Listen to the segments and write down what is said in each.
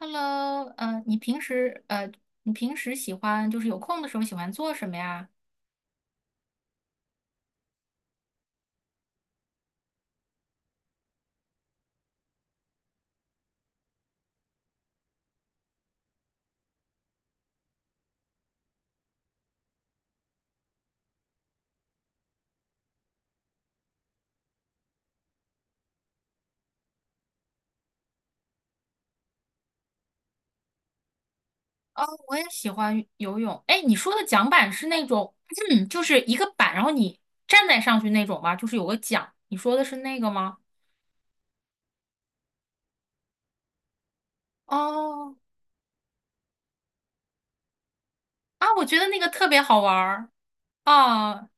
Hello，你平时喜欢就是有空的时候喜欢做什么呀？哦，我也喜欢游泳。哎，你说的桨板是那种，就是一个板，然后你站在上去那种吗？就是有个桨。你说的是那个吗？哦，啊，我觉得那个特别好玩儿啊。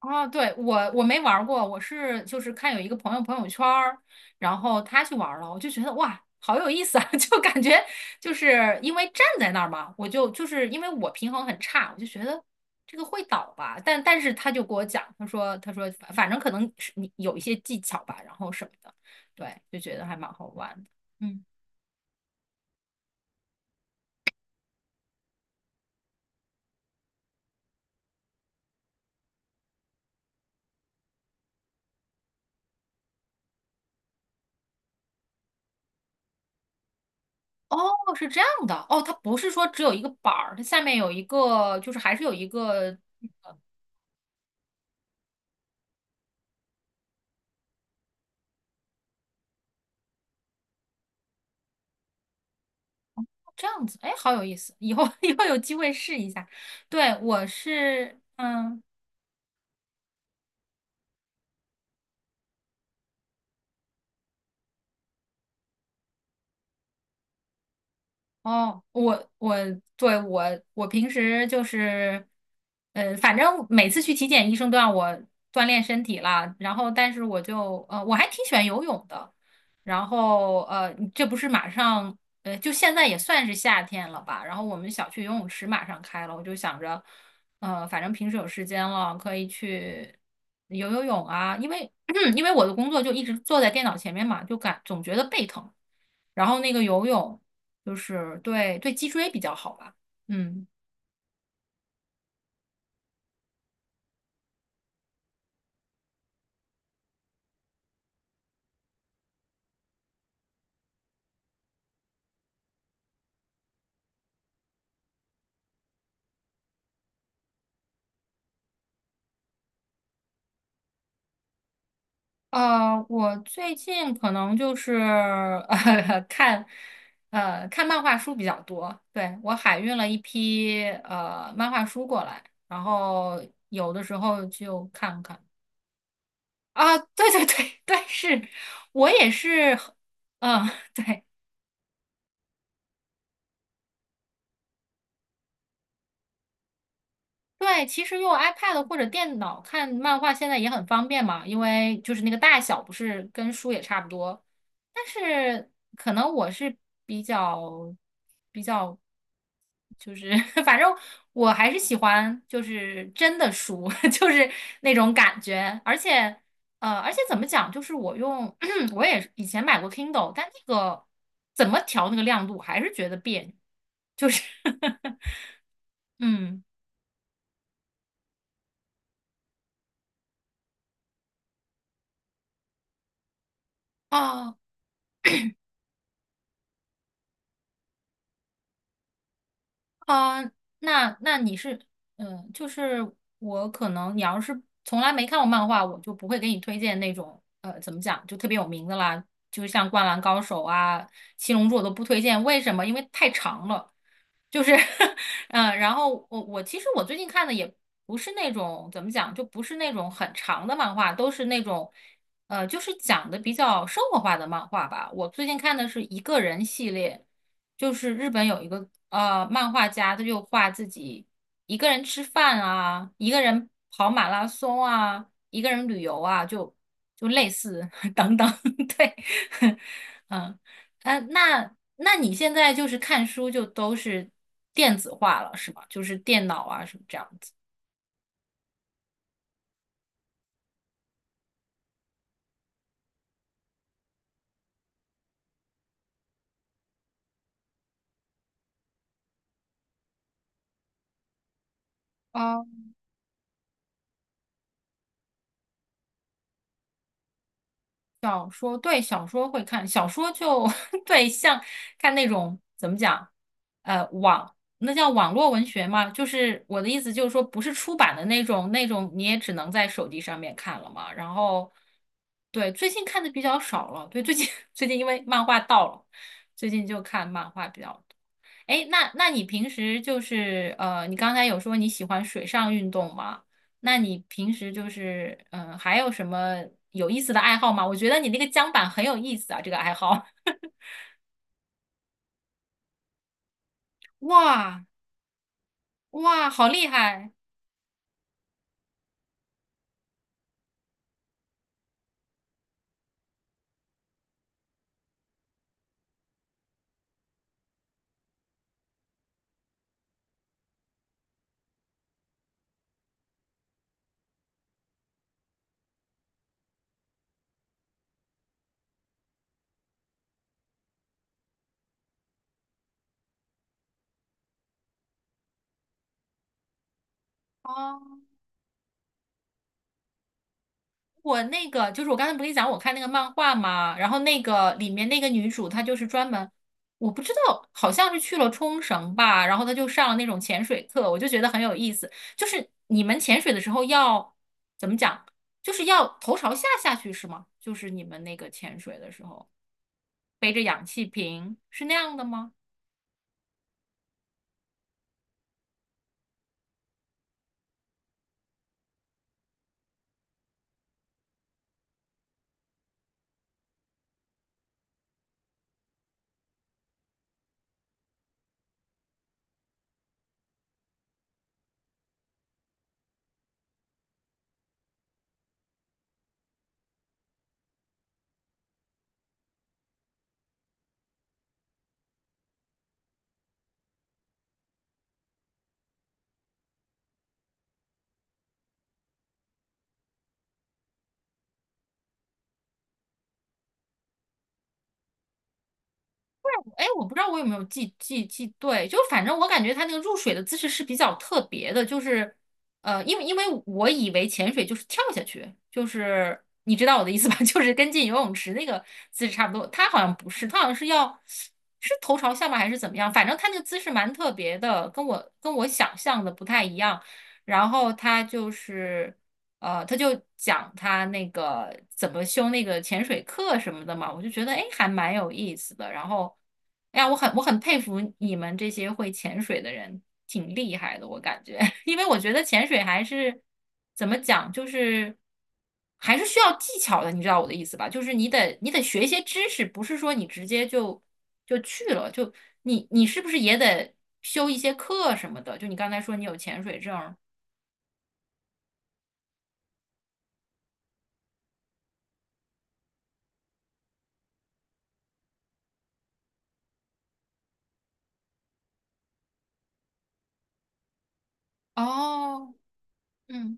哦，对，我没玩儿过，我是就是看有一个朋友朋友圈儿，然后他去玩儿了，我就觉得哇，好有意思啊，就感觉就是因为站在那儿嘛，我就是因为我平衡很差，我就觉得这个会倒吧，但是他就给我讲，他说反正可能是你有一些技巧吧，然后什么的。对，就觉得还蛮好玩的。嗯。哦，是这样的，哦，它不是说只有一个板儿，它下面有一个，就是还是有一个这样子。哎，好有意思，以后 以后有机会试一下。对，我是，嗯。哦，我对我平时就是，反正每次去体检，医生都让我锻炼身体啦。然后，但是我还挺喜欢游泳的。然后这不是马上就现在也算是夏天了吧？然后我们小区游泳池马上开了，我就想着，反正平时有时间了，可以去游游泳啊。因为 因为我的工作就一直坐在电脑前面嘛，就总觉得背疼。然后那个游泳。就是对脊椎比较好吧。嗯。我最近可能就是 呃看看漫画书比较多。对，我海运了一批漫画书过来，然后有的时候就看看。啊，对对对对，是我也是，嗯，对。对，其实用 iPad 或者电脑看漫画现在也很方便嘛，因为就是那个大小不是跟书也差不多。但是可能我是比较比较，就是 反正我还是喜欢就是真的书，就是那种感觉。而且怎么讲，就是我用 我也以前买过 Kindle,但那个怎么调那个亮度，还是觉得别扭，就是 嗯。啊。啊，那你是，嗯，就是我可能你要是从来没看过漫画，我就不会给你推荐那种，怎么讲，就特别有名的啦，就像《灌篮高手》啊、《七龙珠》我都不推荐。为什么？因为太长了，就是 嗯，然后我其实我最近看的也不是那种怎么讲，就不是那种很长的漫画，都是那种就是讲的比较生活化的漫画吧。我最近看的是一个人系列，就是日本有一个漫画家，他就画自己一个人吃饭啊，一个人跑马拉松啊，一个人旅游啊，就类似 等等，对，嗯。那你现在就是看书就都是电子化了，是吗？就是电脑啊什么这样子。哦，小说，对，小说会看，小说就 对，像看那种怎么讲，那叫网络文学嘛，就是我的意思就是说，不是出版的那种，那种你也只能在手机上面看了嘛。然后，对，最近看的比较少了，对，最近 最近因为漫画到了，最近就看漫画比较。哎，那你平时就是你刚才有说你喜欢水上运动吗？那你平时就是还有什么有意思的爱好吗？我觉得你那个桨板很有意思啊，这个爱好。哇哇，好厉害！哦，我那个就是我刚才不跟你讲，我看那个漫画嘛，然后那个里面那个女主她就是专门，我不知道好像是去了冲绳吧，然后她就上了那种潜水课，我就觉得很有意思。就是你们潜水的时候要怎么讲，就是要头朝下下去是吗？就是你们那个潜水的时候背着氧气瓶是那样的吗？哎，我不知道我有没有记对，就反正我感觉它那个入水的姿势是比较特别的，就是因为我以为潜水就是跳下去，就是你知道我的意思吧，就是跟进游泳池那个姿势差不多，它好像不是，它好像是要是头朝下吗还是怎么样？反正它那个姿势蛮特别的，跟我想象的不太一样。然后它就是。他就讲他那个怎么修那个潜水课什么的嘛，我就觉得哎，诶还蛮有意思的。然后，哎呀，我很佩服你们这些会潜水的人，挺厉害的，我感觉，因为我觉得潜水还是怎么讲，就是还是需要技巧的，你知道我的意思吧？就是你得学一些知识，不是说你直接就去了，就你是不是也得修一些课什么的？就你刚才说你有潜水证儿。哦，嗯。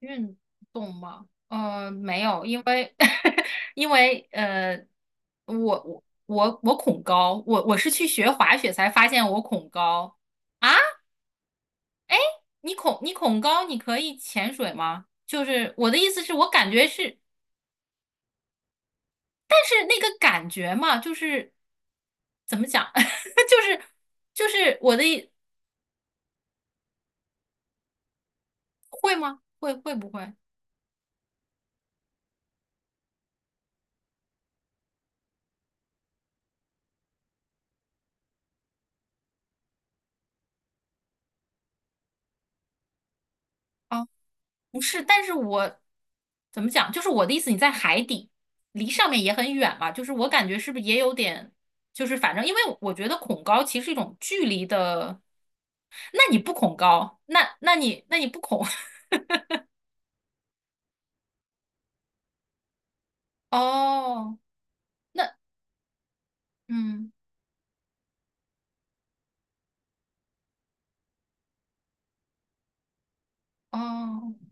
运动吗？没有，因为 因为我恐高，我是去学滑雪才发现我恐高啊！你恐高，你可以潜水吗？就是我的意思是我感觉是，但是那个感觉嘛，就是怎么讲，就是就是我的。会吗？会不会？啊？不是，但是我怎么讲？就是我的意思，你在海底，离上面也很远嘛。就是我感觉是不是也有点，就是反正因为我觉得恐高其实是一种距离的。那你不恐高，那你不恐 哦，那嗯哦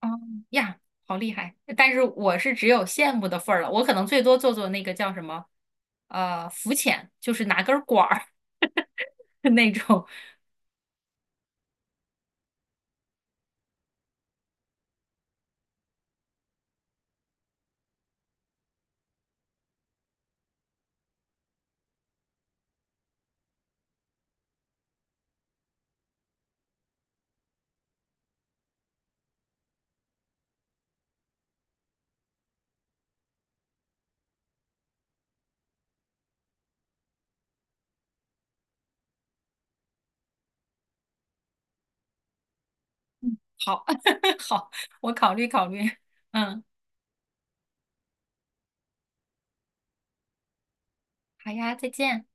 哦呀，好厉害！但是我是只有羡慕的份儿了，我可能最多做做那个叫什么浮潜，就是拿根儿管儿 那种。好 好，我考虑考虑，嗯。好呀，再见。